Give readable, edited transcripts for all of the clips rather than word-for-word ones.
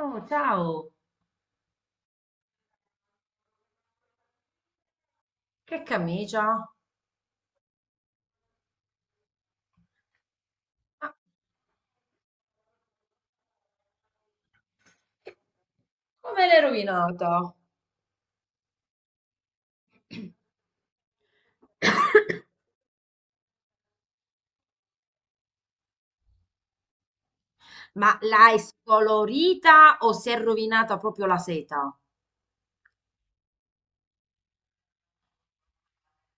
Oh, ciao! Che camicia? Ma come l'hai rovinata? Ma l'hai scolorita o si è rovinata proprio la seta?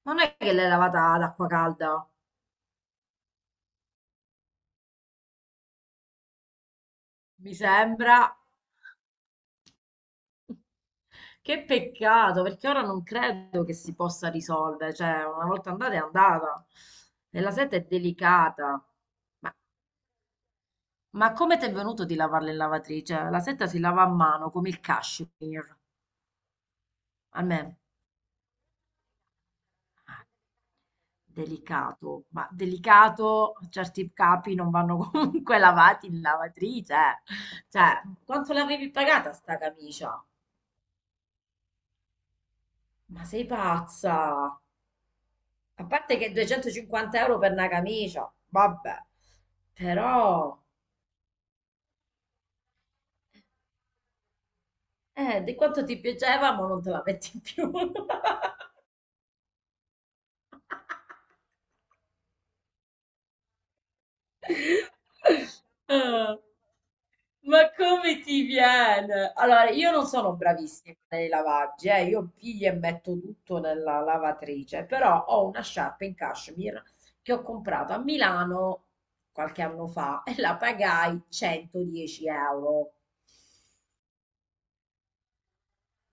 Non è che l'hai lavata ad acqua calda? Mi sembra. Che peccato, perché ora non credo che si possa risolvere. Cioè, una volta andata è andata. E la seta è delicata. Ma, ma come ti è venuto di lavarla in lavatrice? La seta si lava a mano, come il cashmere, almeno. Delicato, ma delicato, certi capi non vanno comunque lavati in lavatrice. Eh. Cioè, quanto l'avevi pagata sta camicia? Ma sei pazza! A parte che 250 euro per una camicia, vabbè, però, di quanto ti piaceva, ma non te la metti più. Ah, ma come ti viene? Allora, io non sono bravissima nei lavaggi, io piglio e metto tutto nella lavatrice, però ho una sciarpa in cashmere che ho comprato a Milano qualche anno fa e la pagai 110 euro.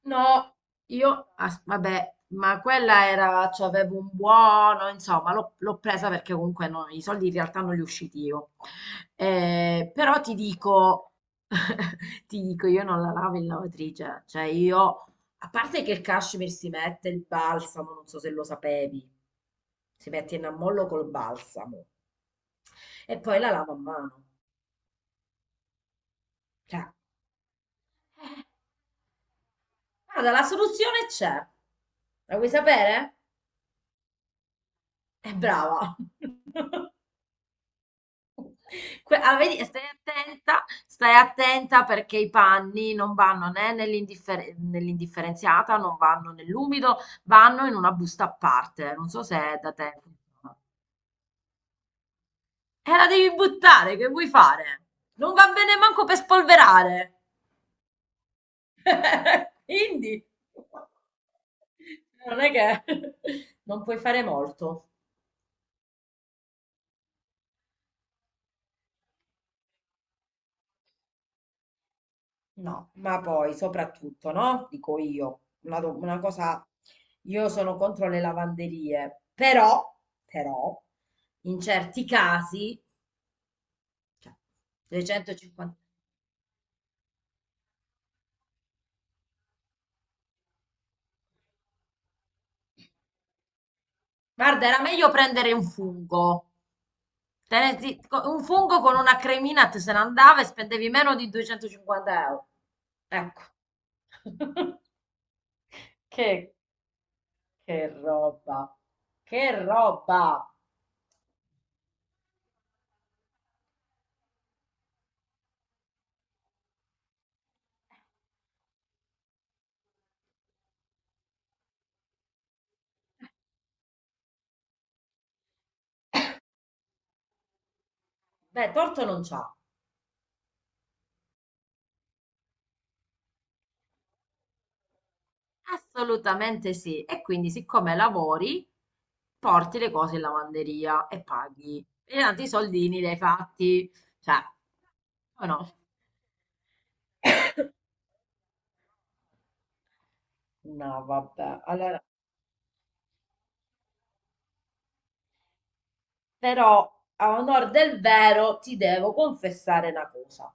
No, io, vabbè, ma quella era, cioè avevo un buono, insomma, l'ho presa perché comunque no, i soldi in realtà non li ho usciti io. Però ti dico, ti dico, io non la lavo in lavatrice, cioè io, a parte che il cashmere si mette il balsamo, non so se lo sapevi, si mette in ammollo col balsamo e poi la lavo a mano. Cioè, guarda, la soluzione c'è. La vuoi sapere? È brava. Ah, vedi, stai attenta perché i panni non vanno né nell'indifferenziata, non vanno nell'umido, vanno in una busta a parte. Non so se è da te. Funziona. E la devi buttare, che vuoi fare? Non va bene manco per spolverare. Quindi non è che non puoi fare molto. No, ma poi soprattutto, no? Dico io, una, una cosa, io sono contro le lavanderie, però, in certi casi, cioè, 250, guarda, era meglio prendere un fungo. Te ne zi- co- Un fungo con una cremina te se ne andava e spendevi meno di 250 euro. Ecco. Che, che roba, che roba. Beh, torto non c'ha. Assolutamente sì. E quindi, siccome lavori, porti le cose in lavanderia e paghi. E tanti soldini li hai fatti. Cioè, o no? No, vabbè. Allora, però a onor del vero ti devo confessare una cosa.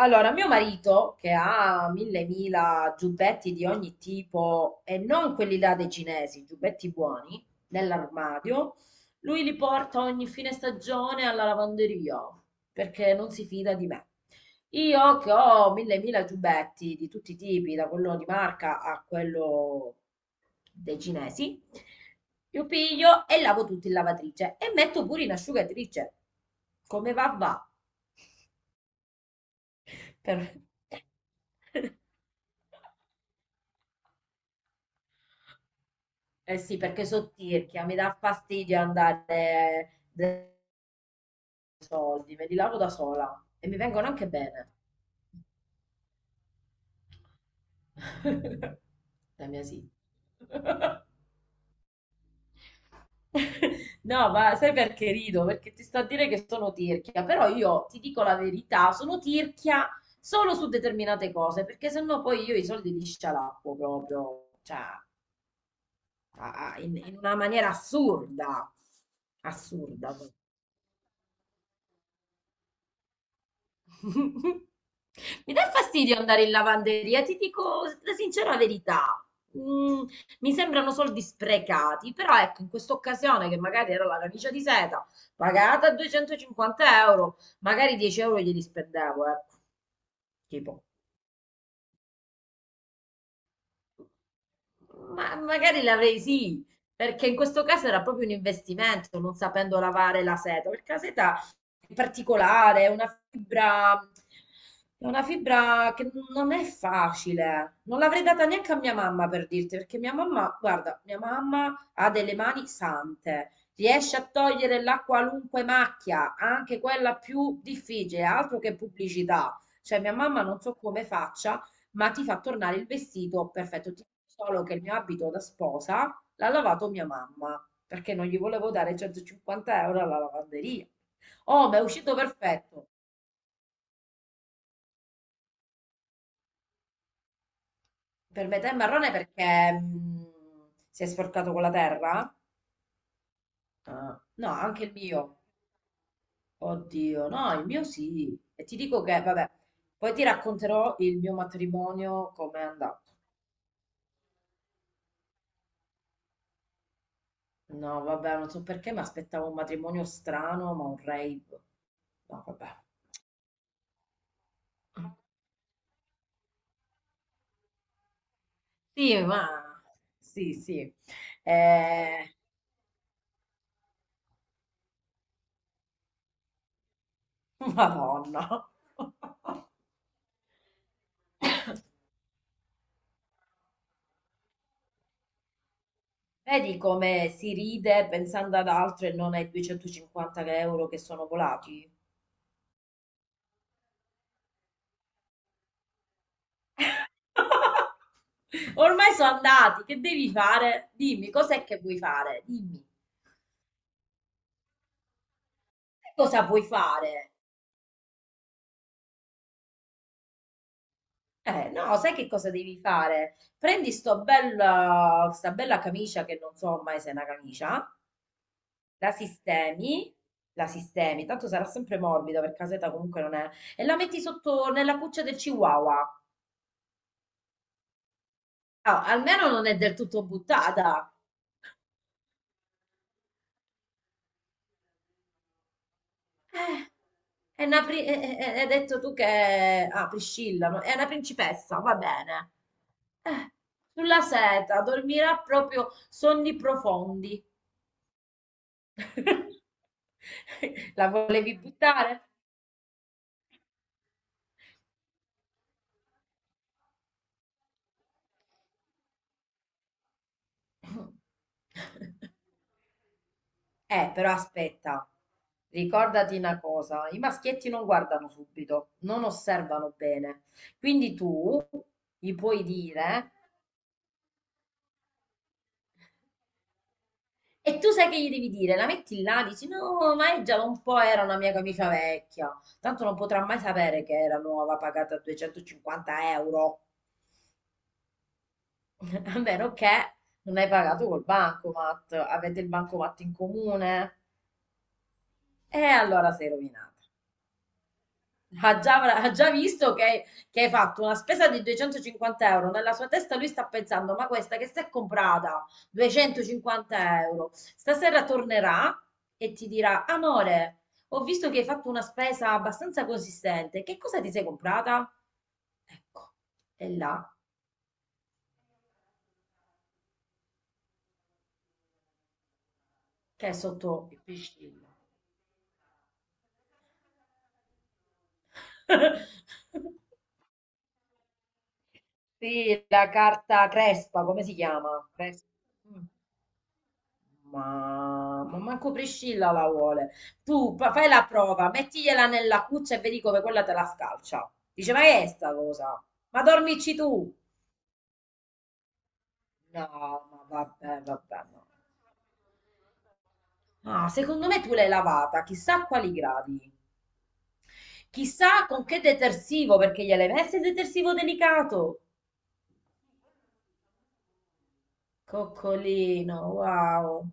Allora, mio marito, che ha mille mila giubbetti di ogni tipo, e non quelli là dei cinesi, giubbetti buoni, nell'armadio, lui li porta ogni fine stagione alla lavanderia, perché non si fida di me. Io che ho mille mila giubbetti di tutti i tipi, da quello di marca a quello dei cinesi, io piglio e lavo tutti in lavatrice e metto pure in asciugatrice. Come va va? Per- Eh sì, perché sottirchia, mi dà fastidio andare dai soldi, me li lavo da sola e mi vengono anche bene. La mia sì. No, ma sai perché rido? Perché ti sto a dire che sono tirchia, però io ti dico la verità, sono tirchia solo su determinate cose, perché sennò poi io i soldi li scialappo proprio, cioè, in una maniera assurda, assurda. Mi dà fastidio andare in lavanderia, ti dico la sincera verità. Mm, mi sembrano soldi sprecati, però ecco, in questa occasione che magari era la camicia di seta pagata 250 euro, magari 10 euro glieli spendevo, ecco, tipo. Ma magari l'avrei sì, perché in questo caso era proprio un investimento, non sapendo lavare la seta, perché la seta è particolare, è una fibra che non è facile. Non l'avrei data neanche a mia mamma per dirti, perché mia mamma, guarda, mia mamma ha delle mani sante. Riesce a togliere la qualunque macchia, anche quella più difficile, altro che pubblicità. Cioè, mia mamma non so come faccia, ma ti fa tornare il vestito perfetto. Ti dico solo che il mio abito da sposa l'ha lavato mia mamma, perché non gli volevo dare 150 euro alla lavanderia. Oh, ma è uscito perfetto. Per metà è marrone perché si è sporcato con la terra? Ah, no, anche il mio. Oddio, no, il mio sì. E ti dico che, vabbè, poi ti racconterò il mio matrimonio come è andato. No, vabbè, non so perché mi aspettavo un matrimonio strano, ma un rave. No, vabbè. Sì, ma sì, sì. Eh, Madonna. Vedi come si ride pensando ad altro e non ai 250 euro che sono volati? Ormai sono andati, che devi fare? Dimmi, cos'è che vuoi fare? Dimmi. Che cosa vuoi fare? No, sai che cosa devi fare? Prendi sto bella, sta bella camicia che non so ormai se è una camicia. La sistemi, la sistemi, tanto sarà sempre morbida perché caseta comunque non è, e la metti sotto nella cuccia del chihuahua. Ah, almeno non è del tutto buttata. Eh, hai detto tu che. Ah, Priscilla, no? È una principessa, va bene. Eh, sulla seta, dormirà proprio sonni profondi. La volevi buttare? Però aspetta, ricordati una cosa, i maschietti non guardano subito, non osservano bene. Quindi tu gli puoi dire, e tu sai che gli devi dire, la metti là, dici no, ma è già da un po' era una mia camicia vecchia, tanto non potrà mai sapere che era nuova, pagata 250 euro, a meno che non hai pagato col bancomat, avete il bancomat in comune, e allora sei rovinata. Ha già visto che hai fatto una spesa di 250 euro. Nella sua testa lui sta pensando: ma questa che si è comprata 250 euro, stasera tornerà e ti dirà: amore, ho visto che hai fatto una spesa abbastanza consistente. Che cosa ti sei comprata? Ecco, è là che è sotto il piscino. Sì, la carta crespa, come si chiama? Crespa. Mm. Ma manco Priscilla la vuole. Tu fai la prova, mettigliela nella cuccia e vedi come quella te la scalcia. Dice, ma che è sta cosa? Ma dormici tu. No, ma vabbè, vabbè, no. Ah, secondo me tu l'hai lavata, chissà a quali gradi. Chissà con che detersivo, perché gliel'hai messo il detersivo delicato. Coccolino, wow.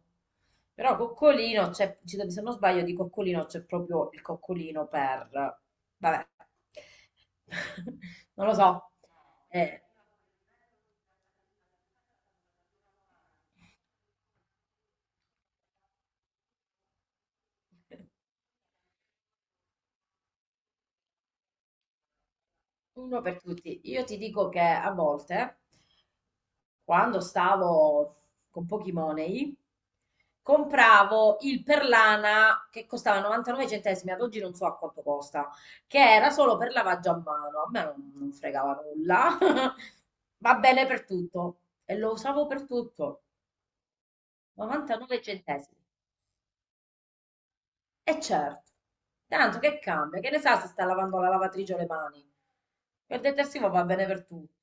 Però Coccolino, se non sbaglio, di Coccolino c'è proprio il Coccolino per. Vabbè, non lo so. Eh, uno per tutti. Io ti dico che a volte quando stavo con pochi money, compravo il Perlana che costava 99 centesimi, ad oggi non so a quanto costa, che era solo per lavaggio a mano, a me non fregava nulla, va bene per tutto e lo usavo per tutto, 99 centesimi. E certo, tanto che cambia, che ne sa se sta lavando la lavatrice o le mani. Il detersivo va bene per tutto.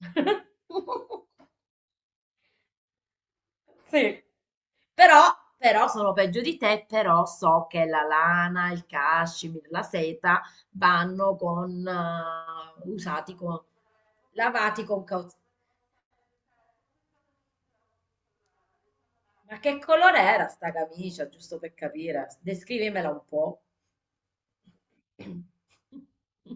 Sì. Però però sono peggio di te, però so che la lana, il cashmere, la seta vanno con, usati con, lavati con cautela. Ma che colore era sta camicia, giusto per capire? Descrivimela un po'.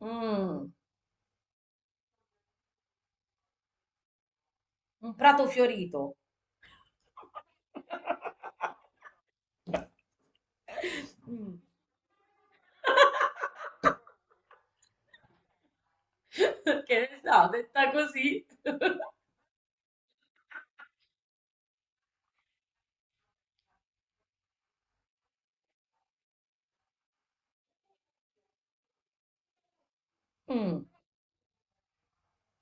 Mm, un prato fiorito. Mm. Che ne so, detta così. Mm.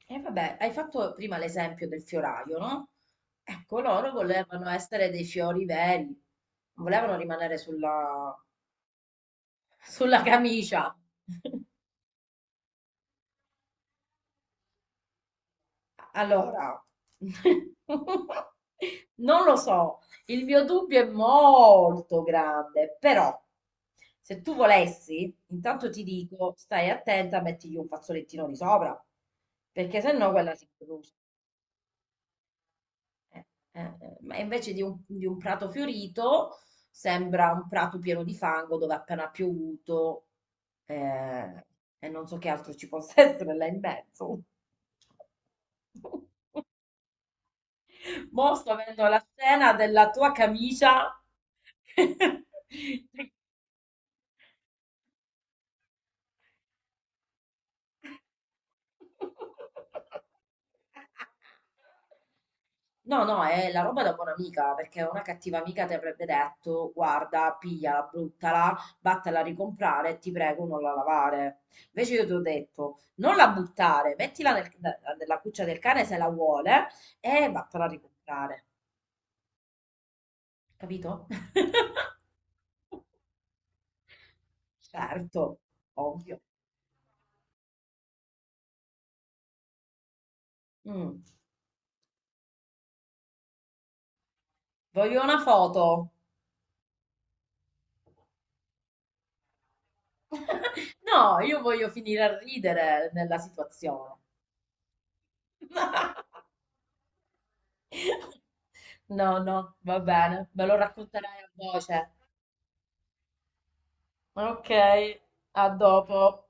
E vabbè, hai fatto prima l'esempio del fioraio, no? Ecco, loro volevano essere dei fiori veri, non volevano rimanere sulla camicia. Allora, non lo so, il mio dubbio è molto grande, però se tu volessi, intanto ti dico, stai attenta, mettigli un fazzolettino di sopra, perché sennò quella si brucia. Eh, Ma invece di un, prato fiorito, sembra un prato pieno di fango dove ha appena piovuto, eh, e non so che altro ci possa essere là in mezzo. Mo' sto avendo la scena della tua camicia. No, no, è la roba da buona amica, perché una cattiva amica ti avrebbe detto, guarda, pigliala, bruttala, vattela a ricomprare e ti prego non la lavare. Invece io ti ho detto, non la buttare, mettila nella cuccia del cane se la vuole e vattela a ricomprare. Capito? Certo, ovvio. Mm. Voglio una foto. No, io voglio finire a ridere nella situazione. No, no, va bene, me lo racconterai a voce. Ok, a dopo.